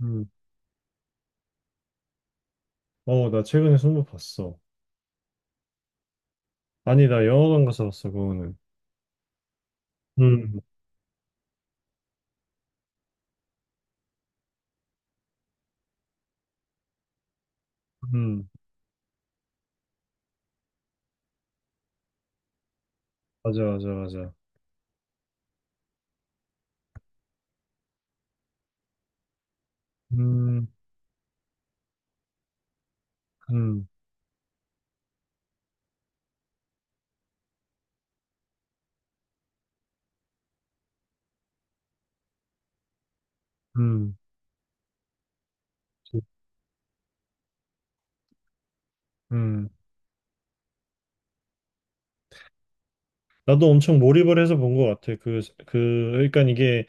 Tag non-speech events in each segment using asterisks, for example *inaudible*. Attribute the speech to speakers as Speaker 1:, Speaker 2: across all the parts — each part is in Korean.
Speaker 1: 음. 어, 나 최근에 승부 봤어. 아니, 나 영화관 가서 봤어, 그거는. 음, 음, 맞아, 맞아, 맞아. 음, 음, 음, 음. 나도 엄청 몰입을 해서 본 것 같아. 그러니까 이게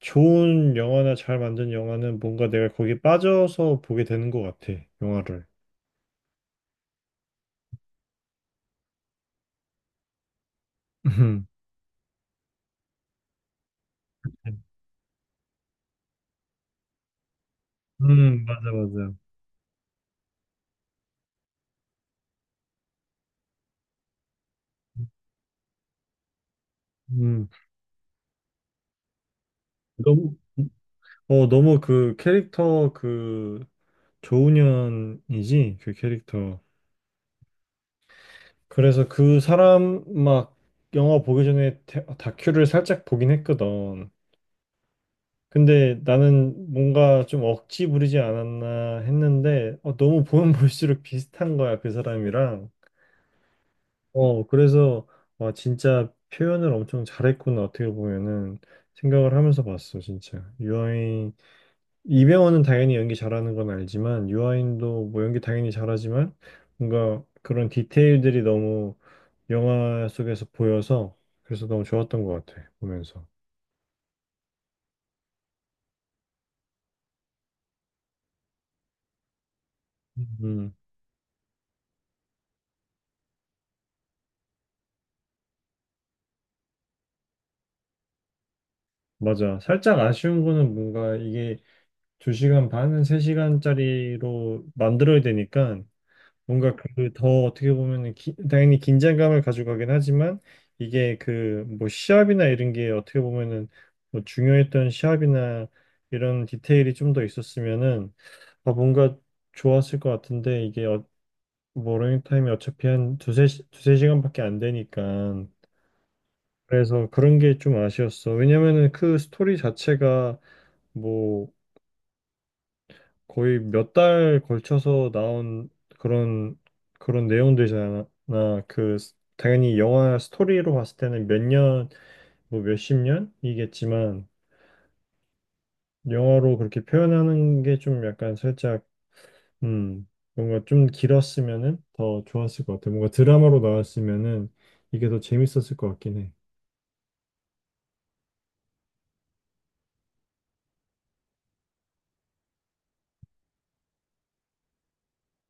Speaker 1: 좋은 영화나 잘 만든 영화는 뭔가 내가 거기에 빠져서 보게 되는 것 같아, 영화를. *laughs* 음, 맞아, 맞아. 음, 너무, 너무 그 캐릭터 그 조은현이지? 그 캐릭터. 그래서 그 사람 막 영화 보기 전에 다큐를 살짝 보긴 했거든. 근데 나는 뭔가 좀 억지 부리지 않았나 했는데 너무 보면 *laughs* 볼수록 비슷한 거야 그 사람이랑. 그래서 와 진짜 표현을 엄청 잘했구나 어떻게 보면은 생각을 하면서 봤어 진짜. 유아인 이병헌은 당연히 연기 잘하는 건 알지만 유아인도 뭐 연기 당연히 잘하지만 뭔가 그런 디테일들이 너무 영화 속에서 보여서 그래서 너무 좋았던 것 같아 보면서. 음 맞아. 살짝 아쉬운 거는 뭔가 이게 2시간 반은 3시간짜리로 만들어야 되니까 뭔가 그 더 어떻게 보면은 당연히 긴장감을 가져가긴 하지만 이게 그 뭐 시합이나 이런 게 어떻게 보면은 뭐 중요했던 시합이나 이런 디테일이 좀 더 있었으면은 아 뭔가 좋았을 것 같은데 이게 뭐 러닝타임이 어차피 한 두세 시간밖에 안 되니까 그래서 그런 게 좀 아쉬웠어. 왜냐면은 그 스토리 자체가 뭐 거의 몇 달 걸쳐서 나온 그런 그런 내용들이잖아. 당연히 영화 스토리로 봤을 때는 몇 년, 뭐 몇십 년이겠지만 영화로 그렇게 표현하는 게 좀 약간 살짝 음 뭔가 좀 길었으면은 더 좋았을 것 같아. 뭔가 드라마로 나왔으면은 이게 더 재밌었을 것 같긴 해.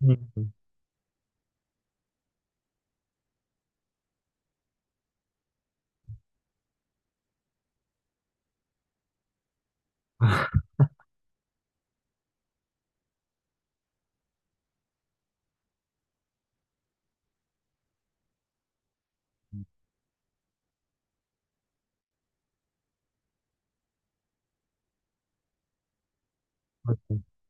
Speaker 1: 음. 음. *laughs*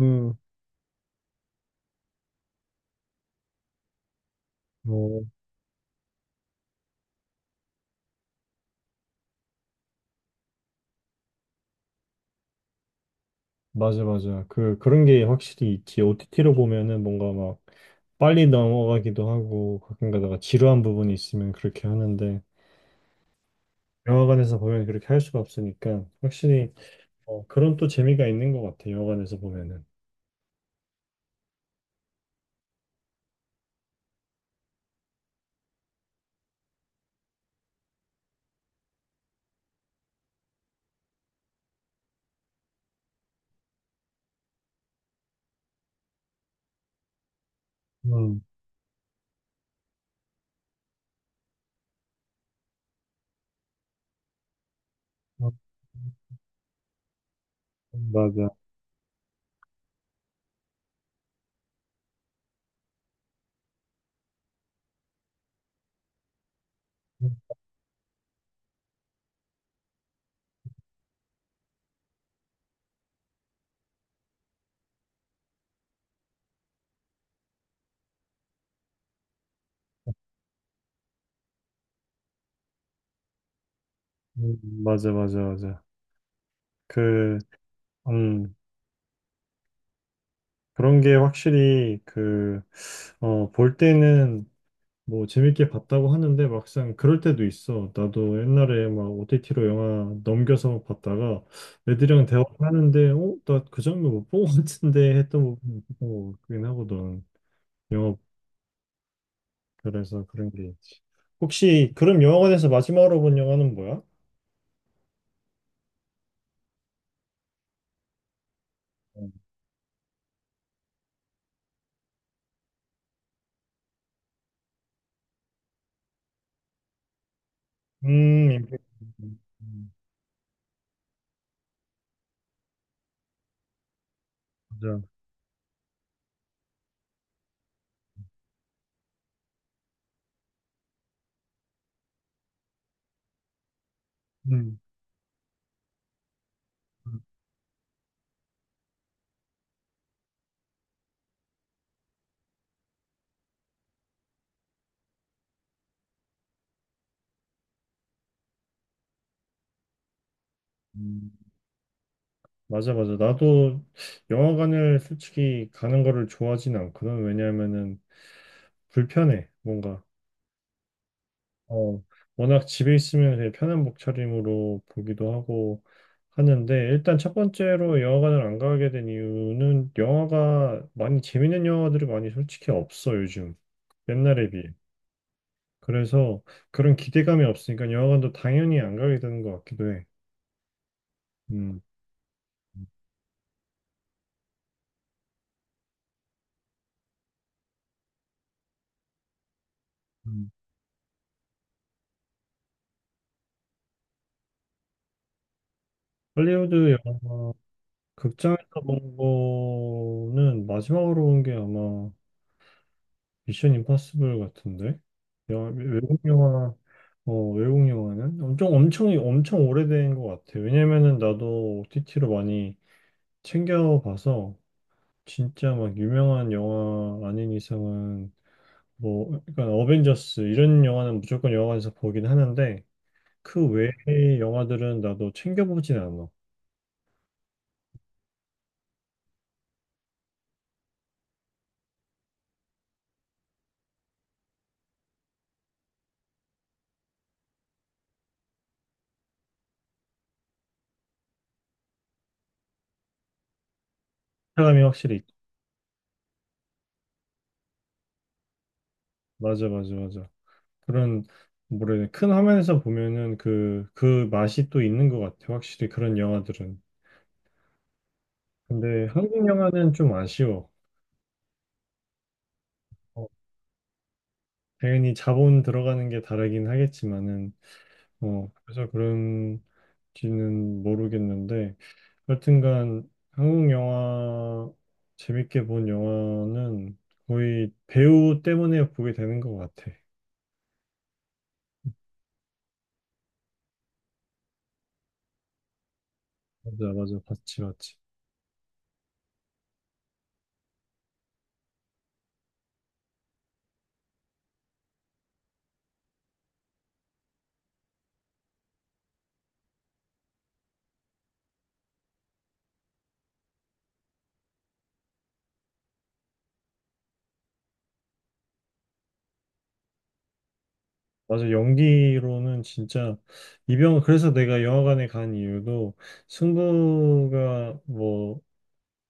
Speaker 1: 음. 음. 맞아, 맞아. 그런 게 확실히 있지. OTT로 보면은 뭔가 막 빨리 넘어가기도 하고, 가끔 가다가 지루한 부분이 있으면 그렇게 하는데, 영화관에서 보면 그렇게 할 수가 없으니까, 확실히, 그런 또 재미가 있는 것 같아, 영화관에서 보면은. 음, 어, 맞아. 음, 맞아, 맞아, 맞아. 그, 음, 그런 게 확실히 볼 때는 뭐 재밌게 봤다고 하는데 막상 그럴 때도 있어. 나도 옛날에 막 OTT로 영화 넘겨서 봤다가 애들이랑 대화하는데 어? 나 그 장면 못 본 것 같은데 했던 부분이 있었던 것 같긴 하거든. 영화별에서 그런 게 있지. 혹시 그럼 영화관에서 마지막으로 본 영화는 뭐야? 임팩트. 음, 맞아. 음. 음, 맞아, 맞아. 나도 영화관을 솔직히 가는 거를 좋아하진 않거든. 왜냐하면은 불편해. 뭔가 어, 워낙 집에 있으면 되게 편한 목차림으로 보기도 하고 하는데 일단 첫 번째로 영화관을 안 가게 된 이유는 영화가 많이 재밌는 영화들이 많이 솔직히 없어 요즘 옛날에 비해 그래서 그런 기대감이 없으니까 영화관도 당연히 안 가게 되는 것 같기도 해. 음. 음. 할리우드 영화 극장에서 본 거는 마지막으로 본 게 아마 미션 임파서블 같은데? 영화- 외국 영화, 외국 영화는? 엄청, 엄청, 엄청 오래된 것 같아. 왜냐면은 나도 OTT로 많이 챙겨봐서, 진짜 막 유명한 영화 아닌 이상은, 뭐, 그러니까 어벤져스, 이런 영화는 무조건 영화관에서 보긴 하는데, 그 외의 영화들은 나도 챙겨보진 않아. 사람이 확실히, 맞아, 맞아, 맞아. 그런, 뭐라 해야 되나, 큰 화면에서 보면은 그 맛이 또 있는 것 같아. 확실히 그런 영화들은. 근데 한국 영화는 좀 아쉬워. 어, 당연히 자본 들어가는 게 다르긴 하겠지만은, 그래서 그런지는 모르겠는데, 여튼간 한국 영화, 재밌게 본 영화는 거의 배우 때문에 보게 되는 것 같아. 맞아, 맞아. 봤지, 봤지. 맞아, 연기로는 진짜. 그래서 내가 영화관에 간 이유도 승부가 뭐,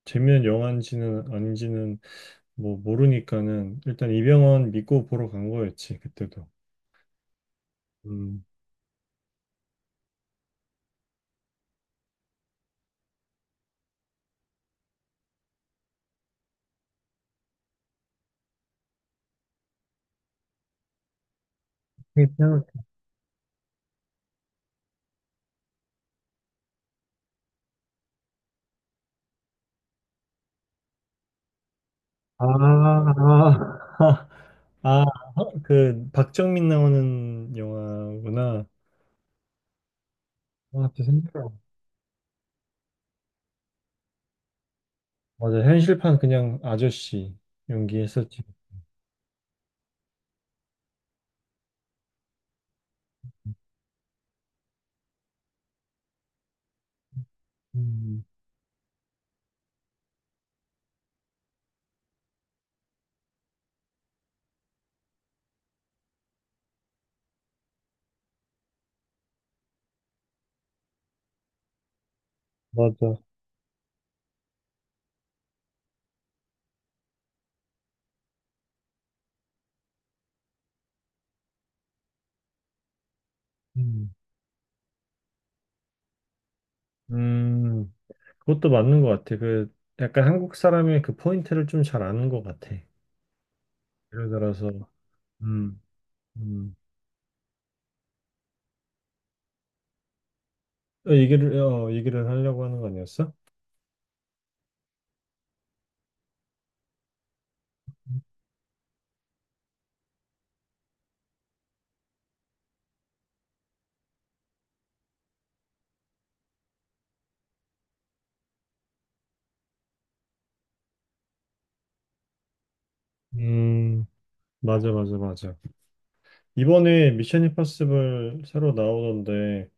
Speaker 1: 재미난 영화인지는 아닌지는 뭐 모르니까는 일단 이병헌 믿고 보러 간 거였지 그때도. 음. 그냥 아, 아, *laughs* 아, 그 박정민 나오는 영화구나. 아, 진짜 힘들어. 맞아, 현실판 그냥 아저씨 연기했었지. 음, 맞아. 음. 음, 그것도 맞는 것 같아. 그 약간 한국 사람의 그 포인트를 좀 잘 아는 것 같아. 예를 들어서, 음, 음. 얘기를 하려고 하는 거 아니었어? 음. 맞아, 맞아, 맞아. 이번에 미션 임파서블 새로 나오던데,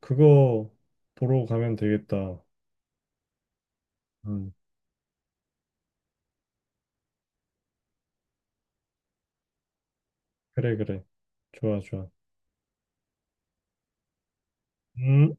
Speaker 1: 그거 보러 가면 되겠다. 음. 그래, 그래. 좋아, 좋아. 음.